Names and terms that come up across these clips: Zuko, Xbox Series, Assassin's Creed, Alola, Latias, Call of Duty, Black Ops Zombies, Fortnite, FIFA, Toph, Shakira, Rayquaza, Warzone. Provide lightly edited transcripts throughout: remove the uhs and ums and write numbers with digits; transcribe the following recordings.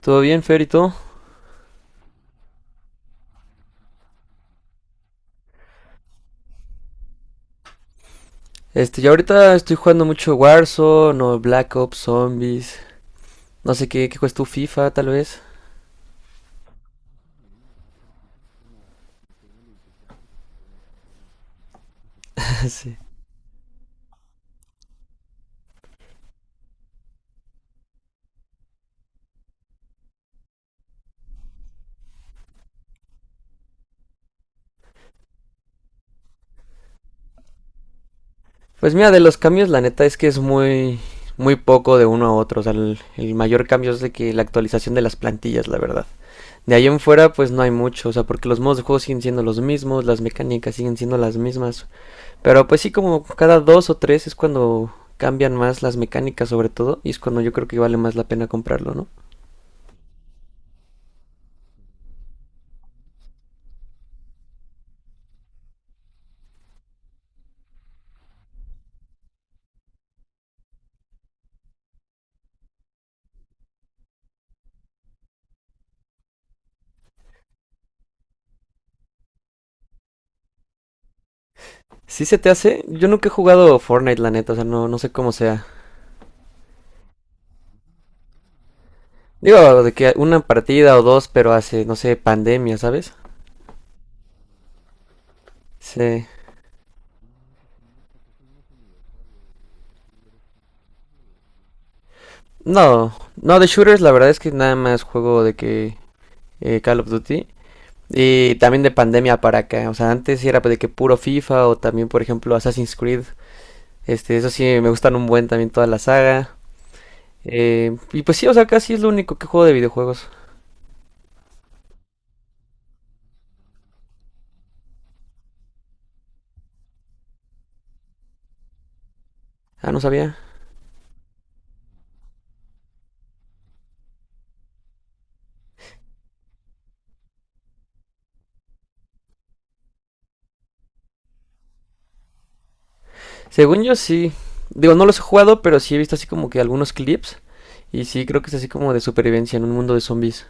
¿Todo bien, Fer, y todo? Yo ahorita estoy jugando mucho Warzone o Black Ops Zombies. No sé qué juegas tú, FIFA, tal vez. Sí. Pues mira, de los cambios, la neta es que es muy poco de uno a otro. O sea, el mayor cambio es de que la actualización de las plantillas, la verdad. De ahí en fuera, pues no hay mucho, o sea, porque los modos de juego siguen siendo los mismos, las mecánicas siguen siendo las mismas. Pero pues sí, como cada dos o tres es cuando cambian más las mecánicas sobre todo, y es cuando yo creo que vale más la pena comprarlo, ¿no? Si se te hace, yo nunca he jugado Fortnite, la neta, o sea, no, no sé cómo sea. Digo, de que una partida o dos, pero hace, no sé, pandemia, ¿sabes? Sí. No, no, de shooters la verdad es que nada más juego de que Call of Duty. Y también de pandemia para acá, o sea, antes sí era de que puro FIFA o también, por ejemplo, Assassin's Creed. Este, eso sí, me gustan un buen también toda la saga. Y pues sí, o sea, casi es lo único que juego de videojuegos. Ah, no sabía. Según yo sí. Digo, no los he jugado, pero sí he visto así como que algunos clips. Y sí, creo que es así como de supervivencia en un mundo de zombies.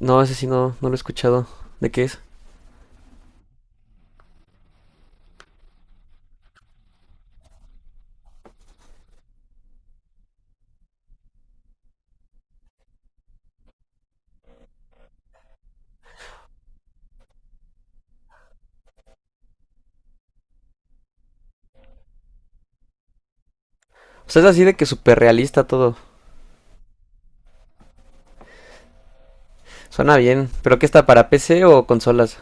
No, ese sí no, no lo he escuchado. ¿De qué es? O sea, es así de que súper realista todo. Suena bien. ¿Pero qué está para PC o consolas?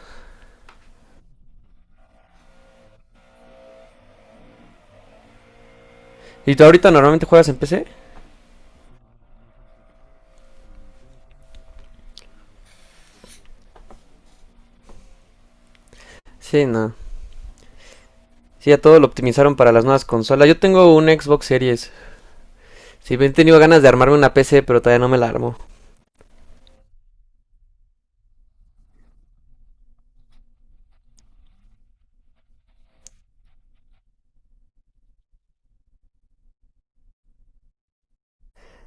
¿Y tú ahorita normalmente juegas en PC? Sí, no. Sí, ya todo lo optimizaron para las nuevas consolas. Yo tengo un Xbox Series. Sí, he tenido ganas de armarme una PC, pero todavía no me la armo.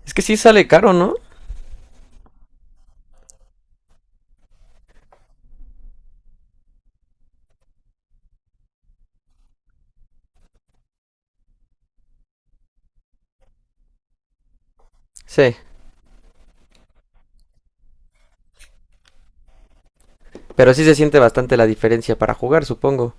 Es que sí sale caro, ¿no? Sí. Pero sí se siente bastante la diferencia para jugar, supongo.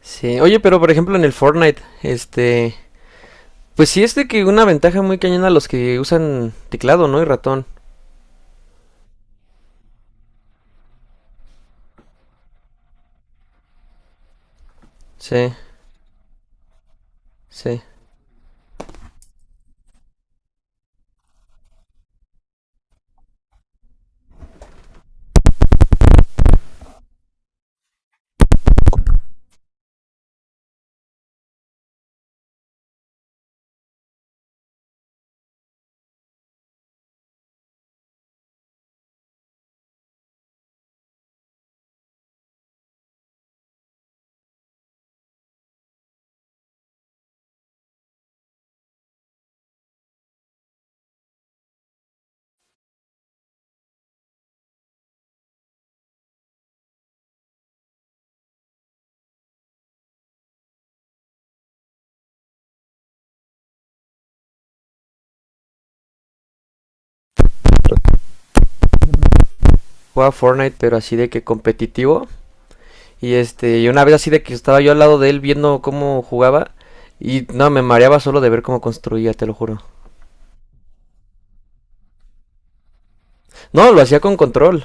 Sí, oye, pero por ejemplo en el Fortnite, pues sí es de que una ventaja muy cañona a los que usan teclado, ¿no? Y ratón. Sí, sí. Juega Fortnite, pero así de que competitivo. Y este, y una vez así de que estaba yo al lado de él viendo cómo jugaba. Y no, me mareaba solo de ver cómo construía, te lo juro. No, lo hacía con control.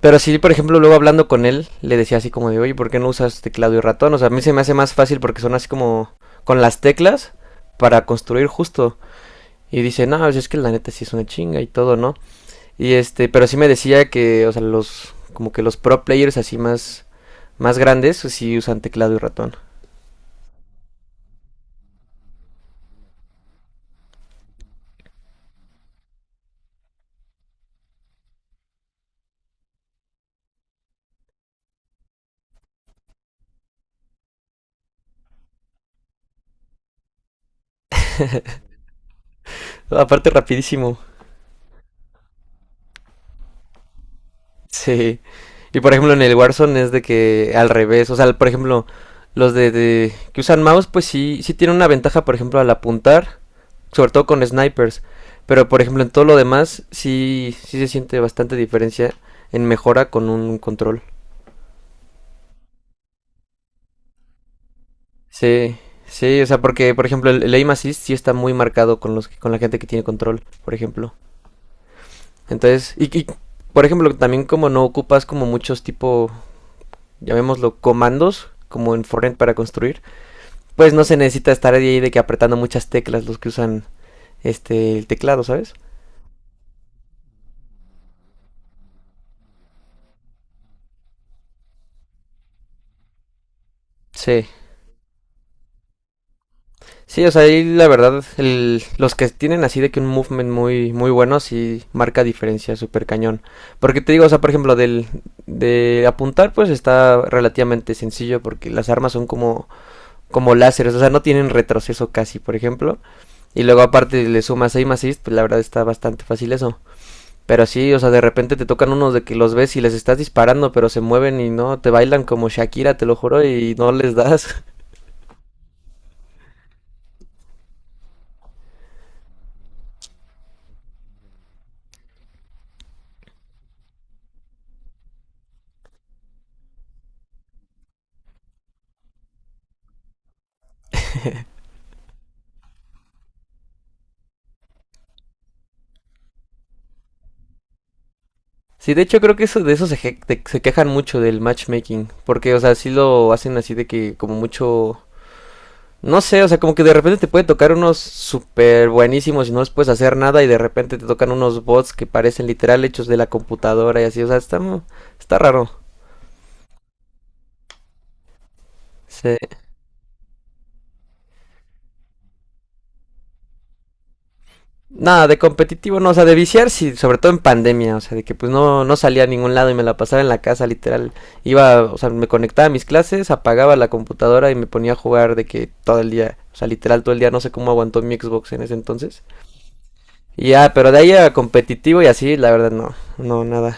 Pero sí, por ejemplo, luego hablando con él, le decía así como de, oye, ¿por qué no usas teclado y ratón? O sea, a mí se me hace más fácil porque son así como con las teclas para construir justo. Y dice, no, pues es que la neta sí es una chinga y todo, ¿no? Y este, pero sí me decía que, o sea, los, como que los pro players así más grandes, pues sí usan teclado y ratón. Aparte, rapidísimo. Sí. Y por ejemplo, en el Warzone es de que al revés, o sea, por ejemplo, los de que usan mouse, pues sí tienen una ventaja, por ejemplo, al apuntar, sobre todo con snipers. Pero por ejemplo, en todo lo demás, sí se siente bastante diferencia en mejora con un control. Sí, sí, o sea, porque, por ejemplo, el aim assist sí está muy marcado con los, con la gente que tiene control, por ejemplo. Entonces, y, y, por ejemplo, también como no ocupas como muchos tipo, llamémoslo, comandos, como en Fortnite para construir, pues no se necesita estar ahí de que apretando muchas teclas los que usan el teclado, ¿sabes? Sí, sí, o sea, ahí la verdad, el- los que tienen así de que un movement muy bueno sí marca diferencia súper cañón. Porque te digo, o sea, por ejemplo, del, de apuntar pues está relativamente sencillo porque las armas son como, como láseres, o sea, no tienen retroceso casi, por ejemplo. Y luego aparte le sumas aim assist, pues la verdad está bastante fácil eso. Pero sí, o sea, de repente te tocan unos de que los ves y les estás disparando, pero se mueven y no, te bailan como Shakira, te lo juro, y no les das. Sí, de hecho creo que eso, de eso se, je- de- se quejan mucho del matchmaking, porque, o sea, sí lo hacen así de que como mucho, no sé, o sea, como que de repente te puede tocar unos súper buenísimos y no les puedes hacer nada y de repente te tocan unos bots que parecen literal hechos de la computadora y así, o sea, está, mu- está raro. Sí. Nada, de competitivo no, o sea, de viciar sí, sobre todo en pandemia, o sea, de que pues no, no salía a ningún lado y me la pasaba en la casa, literal. Iba, o sea, me conectaba a mis clases, apagaba la computadora y me ponía a jugar de que todo el día, o sea, literal todo el día, no sé cómo aguantó mi Xbox en ese entonces. Y ya, pero de ahí a competitivo y así, la verdad no, no, nada,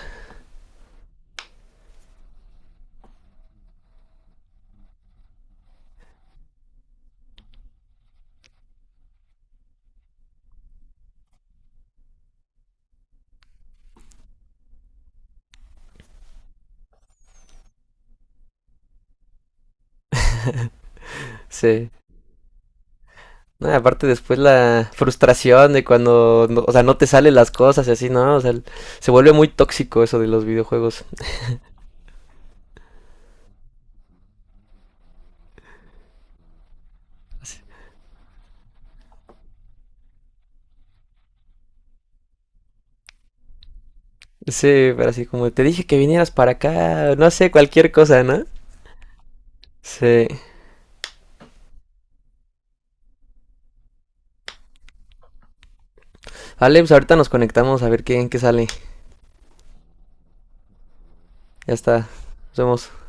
sí. No, aparte después la frustración de cuando, no- o sea, no te salen las cosas y así, ¿no? O sea, se vuelve muy tóxico eso de los videojuegos. Así. Sí, pero así como te dije que vinieras para acá, no sé, cualquier cosa, ¿no? Sí. Vale, pues ahorita nos conectamos a ver qué, en qué sale. Ya está. Nos vemos.